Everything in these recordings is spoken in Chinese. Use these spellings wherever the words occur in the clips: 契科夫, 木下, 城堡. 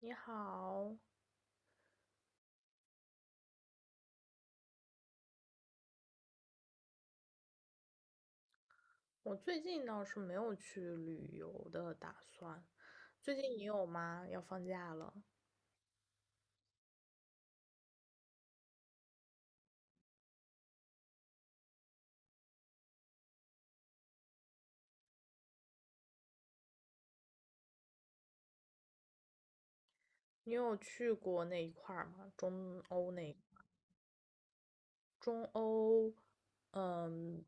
你好，我最近倒是没有去旅游的打算。最近你有吗？要放假了，你有去过那一块儿吗？中欧那一块儿中欧，嗯，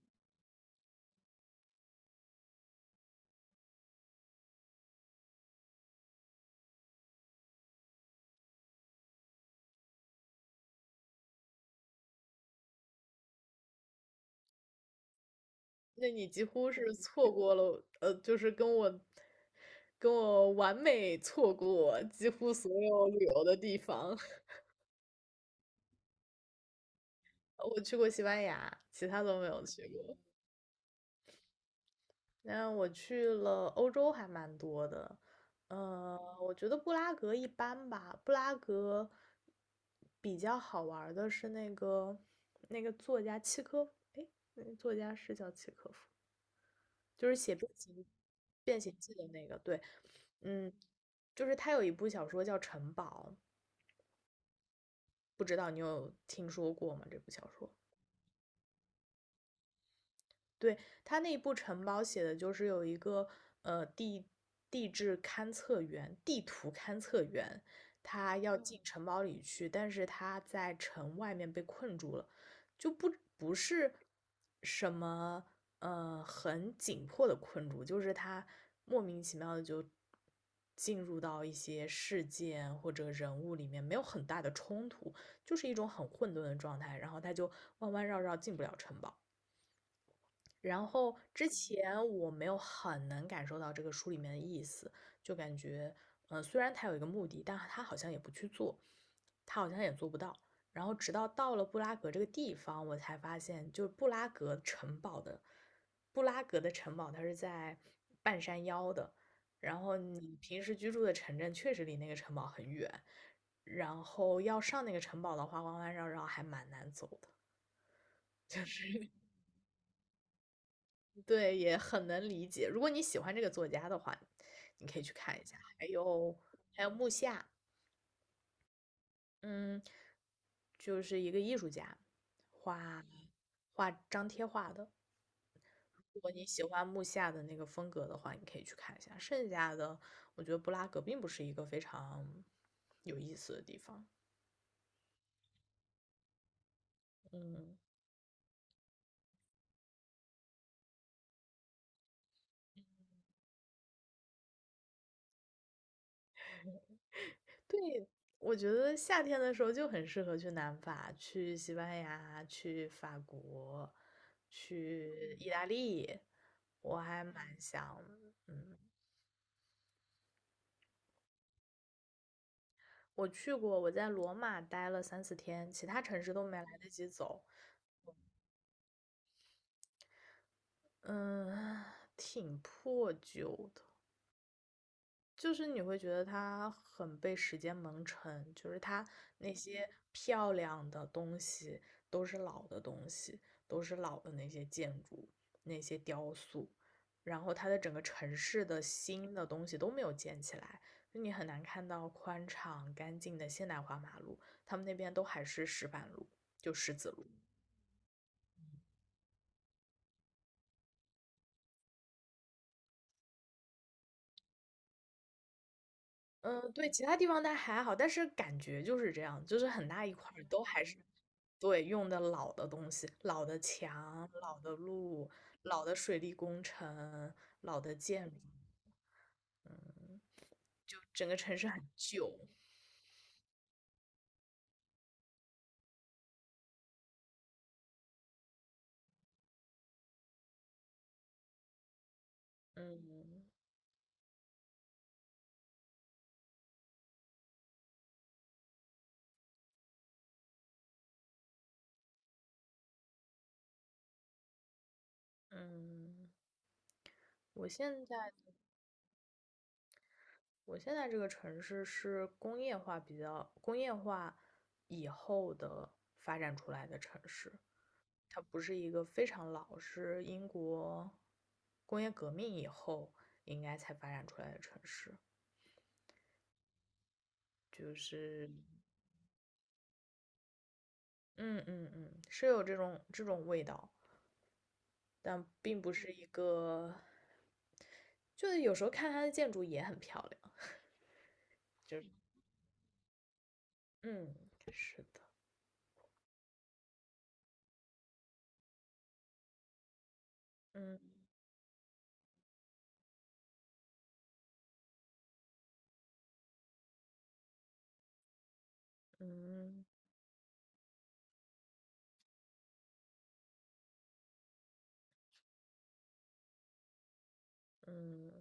那你几乎是错过了，就是跟我完美错过几乎所有旅游的地方。我去过西班牙，其他都没有去过。那我去了欧洲还蛮多的，我觉得布拉格一般吧。布拉格比较好玩儿的是那个作家契科，哎，那个作家是叫契科夫，就是写变形记的那个，对。嗯，就是他有一部小说叫《城堡》，不知道你有听说过吗？这部小说？对，他那部城堡写的就是有一个呃地地质勘测员、地图勘测员，他要进城堡里去，但是他在城外面被困住了，就不是什么很紧迫的困住，就是他莫名其妙的就进入到一些事件或者人物里面，没有很大的冲突，就是一种很混沌的状态，然后他就弯弯绕绕进不了城堡。然后之前我没有很能感受到这个书里面的意思，就感觉，虽然他有一个目的，但他好像也不去做，他好像也做不到。然后直到到了布拉格这个地方，我才发现，就是布拉格城堡的，布拉格的城堡它是在半山腰的，然后你平时居住的城镇确实离那个城堡很远，然后要上那个城堡的话，弯弯绕绕还蛮难走的，就是对，也很能理解。如果你喜欢这个作家的话，你可以去看一下。还有还有木下，嗯，就是一个艺术家，画画张贴画的。如果你喜欢木下的那个风格的话，你可以去看一下。剩下的，我觉得布拉格并不是一个非常有意思的地方。嗯，对，我觉得夏天的时候就很适合去南法，去西班牙，去法国，去意大利，我还蛮想，嗯，我去过，我在罗马待了三四天，其他城市都没来得及走。嗯，挺破旧的，就是你会觉得它很被时间蒙尘，就是它那些漂亮的东西都是老的东西，都是老的那些建筑、那些雕塑，然后它的整个城市的新的东西都没有建起来，就你很难看到宽敞干净的现代化马路，他们那边都还是石板路，就石子路。嗯，对，其他地方它还好，但是感觉就是这样，就是很大一块儿都还是，对，用的老的东西，老的墙、老的路、老的水利工程、老的建筑。嗯，就整个城市很旧。嗯嗯，我现在我现在这个城市是工业化比较工业化以后的发展出来的城市，它不是一个非常老，是英国工业革命以后应该才发展出来的城市。就是嗯嗯嗯，是有这种味道，但并不是一个，就是有时候看它的建筑也很漂亮，就是嗯，是的。嗯嗯嗯，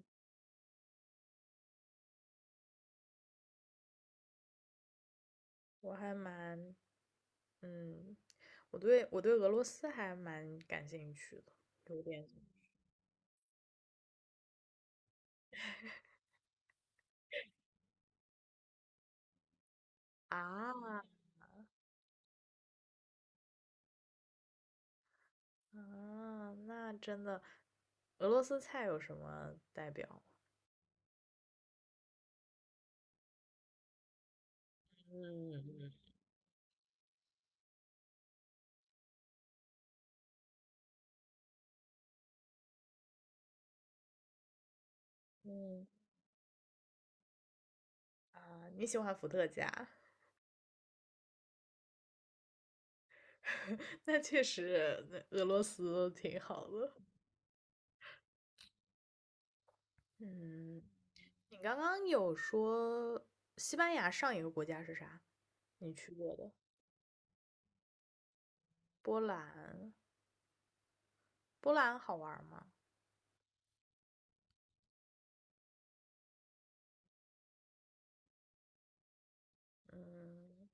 我还蛮嗯，我对俄罗斯还蛮感兴趣的，有点啊。啊，那真的，俄罗斯菜有什么代表嗯嗯嗯啊，你喜欢伏特加。那确实，那俄罗斯挺好的。嗯，你刚刚有说西班牙上一个国家是啥？你去过的？波兰，波兰好玩吗？嗯，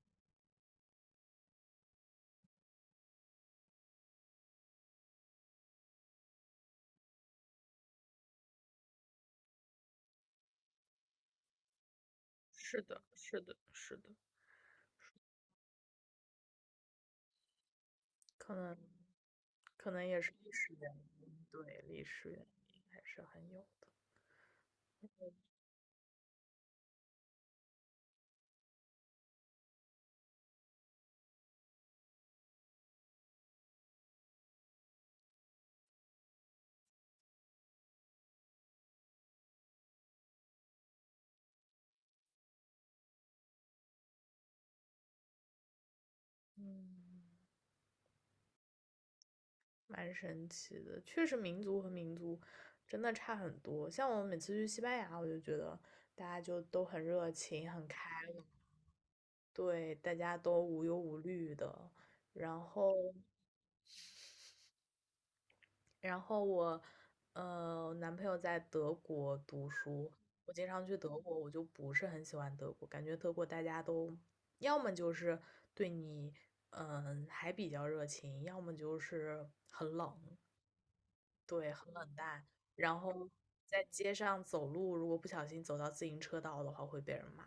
是的，是的，是的，可能，也是历史原因，对，历史原因还是很有的。嗯，蛮神奇的，确实民族和民族真的差很多。像我每次去西班牙，我就觉得大家就都很热情、很开朗，对，大家都无忧无虑的。然后，然后我，男朋友在德国读书，我经常去德国，我就不是很喜欢德国，感觉德国大家都要么就是对你，嗯，还比较热情，要么就是很冷。对，很冷淡。然后在街上走路，如果不小心走到自行车道的话，会被人骂。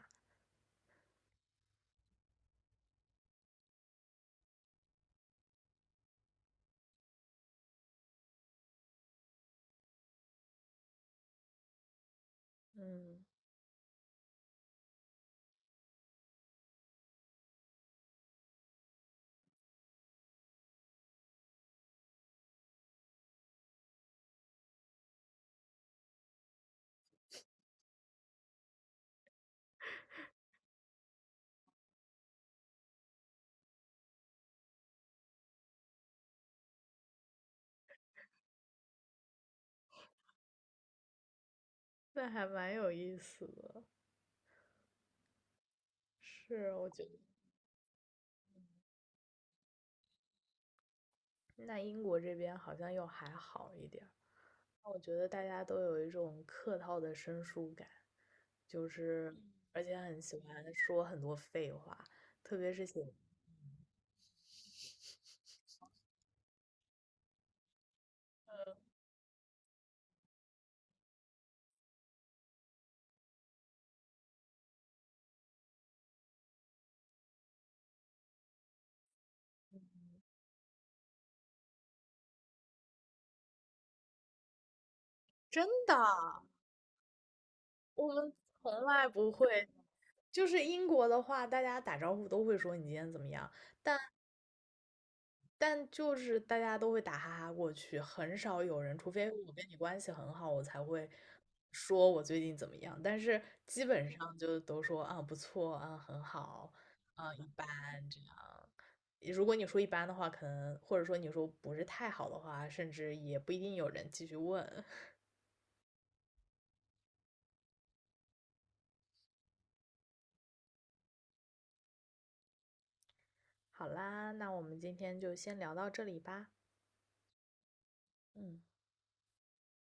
嗯，那还蛮有意思的。是，我觉得那英国这边好像又还好一点儿。我觉得大家都有一种客套的生疏感，就是而且很喜欢说很多废话，特别是写真的，我们从来不会。就是英国的话，大家打招呼都会说你今天怎么样，但就是大家都会打哈哈过去，很少有人，除非我跟你关系很好，我才会说我最近怎么样。但是基本上就都说啊不错啊很好啊一般这样。如果你说一般的话，可能或者说你说不是太好的话，甚至也不一定有人继续问。好啦，那我们今天就先聊到这里吧。嗯。